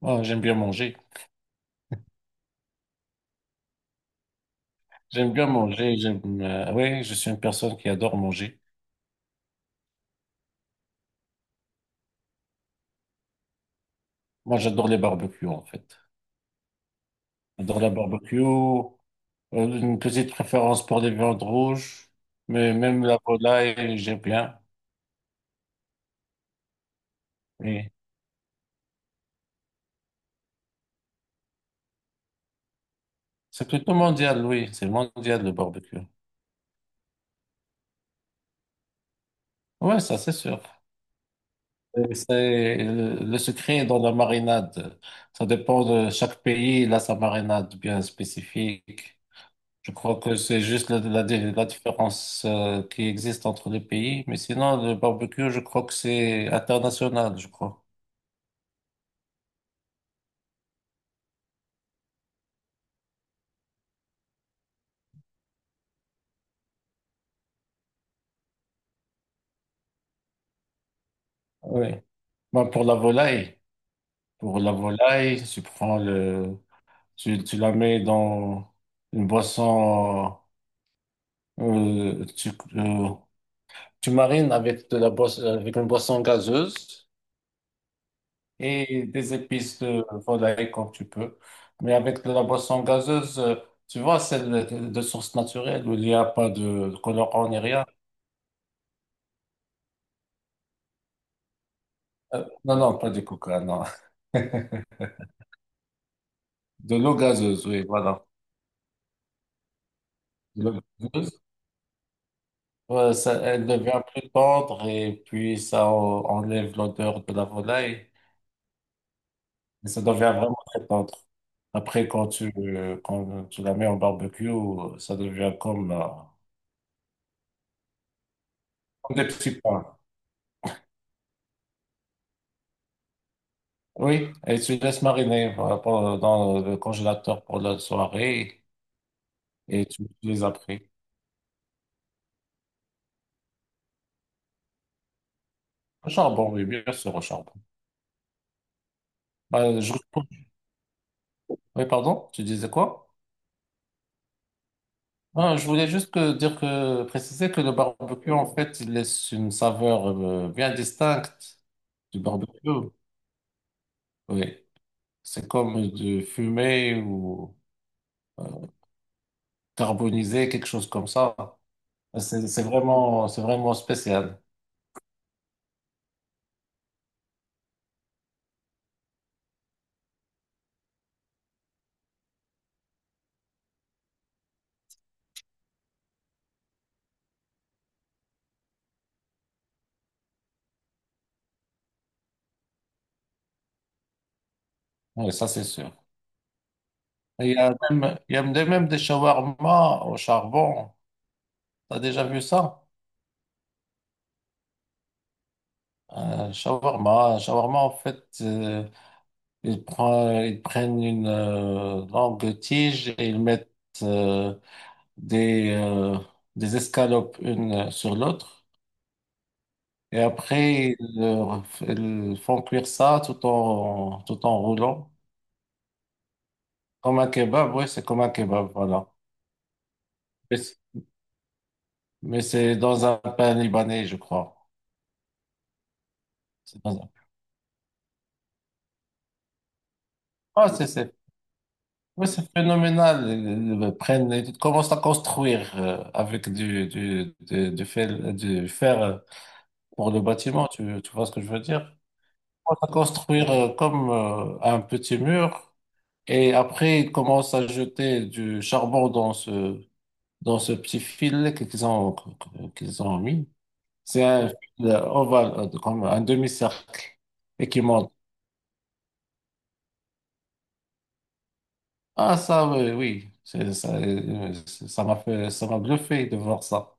Oh, j'aime bien manger. J'aime bien manger. J'aime, oui, je suis une personne qui adore manger. Moi, j'adore les barbecues, en fait. J'adore la barbecue. Une petite préférence pour les viandes rouges. Mais même la volaille, j'aime bien. Oui. C'est plutôt mondial, oui. C'est mondial, le barbecue. Ouais, ça, c'est sûr. Et c'est, le secret est dans la marinade. Ça dépend de chaque pays. Il a sa marinade bien spécifique. Je crois que c'est juste la différence qui existe entre les pays. Mais sinon, le barbecue, je crois que c'est international, je crois. Oui. Bah, pour la volaille, tu prends tu la mets dans une boisson, euh, tu, euh, tu marines avec de la boisson, avec une boisson gazeuse. Et des épices de volaille comme tu peux. Mais avec de la boisson gazeuse, tu vois, celle de source naturelle où il n'y a pas de colorant ni rien. Non, non, pas du coca, non. De l'eau gazeuse, oui, voilà. De l'eau gazeuse, ça, elle devient plus tendre et puis enlève l'odeur de la volaille et ça devient vraiment très tendre. Après, quand tu la mets au barbecue, ça devient comme, comme des petits pains. Oui, et tu laisses mariner dans le congélateur pour la soirée et tu les après. Au charbon, oui, bien sûr, au charbon. Bah, je- Oui, pardon, tu disais quoi? Ah, je voulais juste dire que, préciser que le barbecue, en fait, il laisse une saveur bien distincte du barbecue. Oui, c'est comme de fumer ou euh, carboniser, quelque chose comme ça. C'est vraiment, c'est vraiment spécial. Oui, ça, c'est sûr. Il y a même, il y a même des shawarma au charbon. T'as déjà vu ça? Un shawarma, en fait, ils prennent une longue tige et ils mettent euh, des, euh, des escalopes une sur l'autre. Et après, ils font cuire ça tout en, tout en roulant. Comme un kebab, oui, c'est comme un kebab, voilà. Mais c'est mais c'est dans un pain libanais, je crois. C'est dans un... Ah, c'est c'est- Oui, c'est phénoménal. Ils prennent, ils commencent à construire avec du fer pour le bâtiment. Tu vois ce que je veux dire? Ils commencent à construire comme un petit mur et après ils commencent à jeter du charbon dans ce petit filet qu'ils ont mis. C'est un fil ovale, comme un demi-cercle et qui monte. Ah, ça, oui, oui. Ça, ça m'a bluffé de voir ça.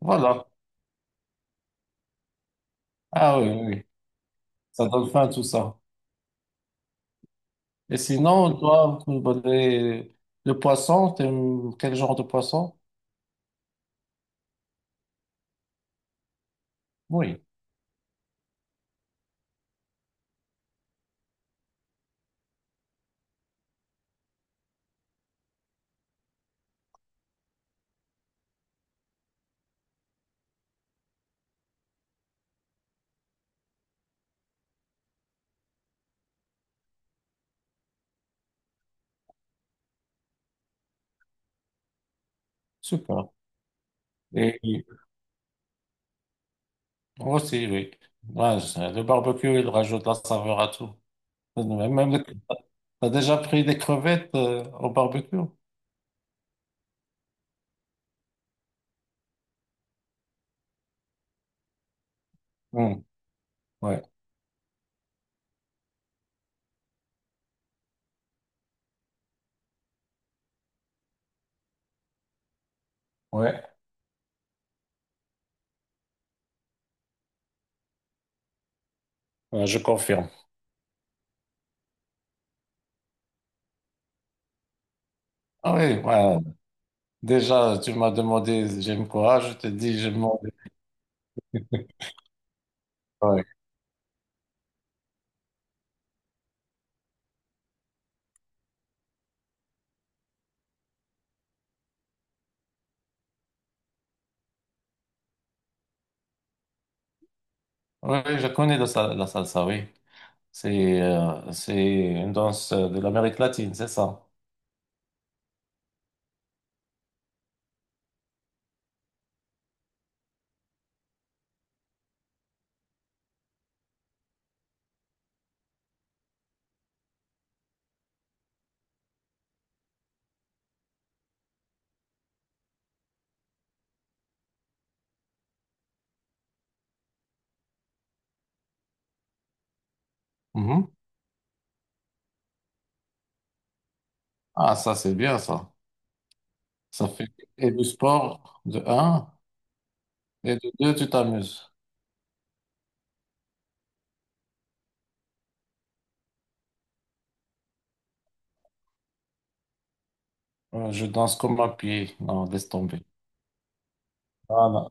Voilà. Ah oui, oui, oui. Ça donne faim, tout ça. Et sinon, toi, le poisson, t'aimes quel genre de poisson? Oui, super. Et et- moi aussi, oui. Ouais, le barbecue, il rajoute la saveur à tout. Même, les- t'as déjà pris des crevettes au barbecue? Oui, ouais, ouais, ouais, je confirme. Ah oui, ouais. Déjà, tu m'as demandé j'aime quoi, je te dis j'aime mon... Oui, je connais la salsa, oui. C'est c'est une danse de l'Amérique latine, c'est ça? Mhm. Ah, ça, c'est bien, ça. Ça fait et du sport, de un, et de deux, tu t'amuses. Je danse comme un pied. Non, laisse tomber. Ah, non.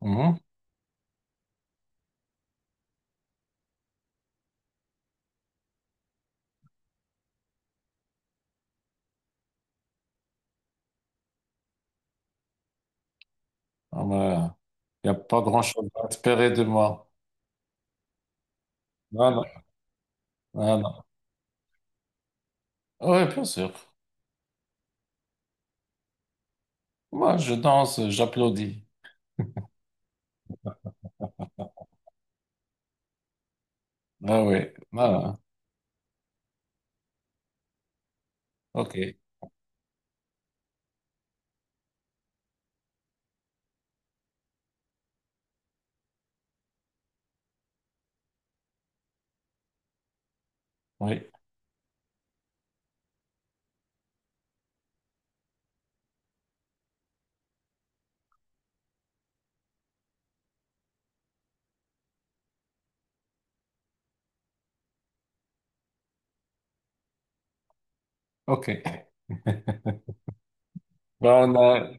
Mhm. Ah, mais il n'y a pas grand-chose à espérer de moi. Non, non, non, oui, bien sûr. Moi, je danse, j'applaudis. Ah oui, voilà. OK. Oui, OK. Ben,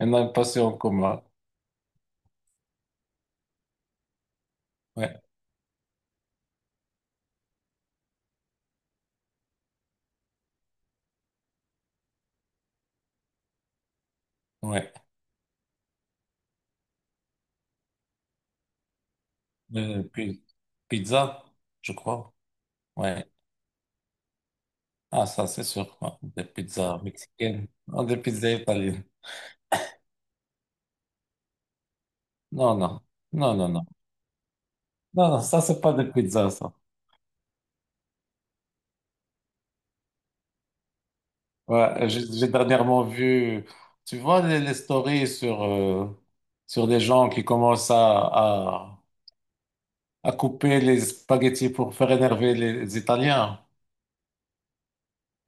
on a une passion en commun. Ouais, ouais. Euh, puis, pizza, je crois. Ouais. Ah, ça, c'est sûr. Ouais. Des pizzas mexicaines. Non, des pizzas italiennes. Non, non. Non, non, non. Non, non, ça, c'est pas des pizzas, ça. Ouais, j'ai dernièrement vu, tu vois, les stories sur, sur des gens qui commencent à couper les spaghettis pour faire énerver les, Italiens.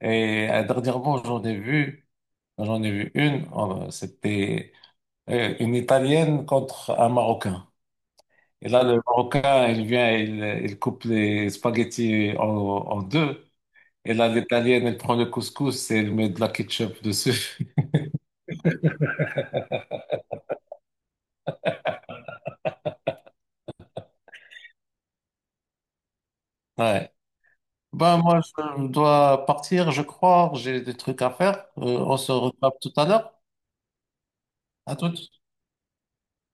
Et dernièrement, j'en ai vu une, c'était une Italienne contre un Marocain. Et là, le Marocain, il vient, il coupe les spaghettis en deux. Et là, l'Italienne, elle prend le couscous et elle met de la ketchup dessus. Ouais. Ben, moi, je dois partir, je crois. J'ai des trucs à faire. On se retrouve tout à l'heure. À tout.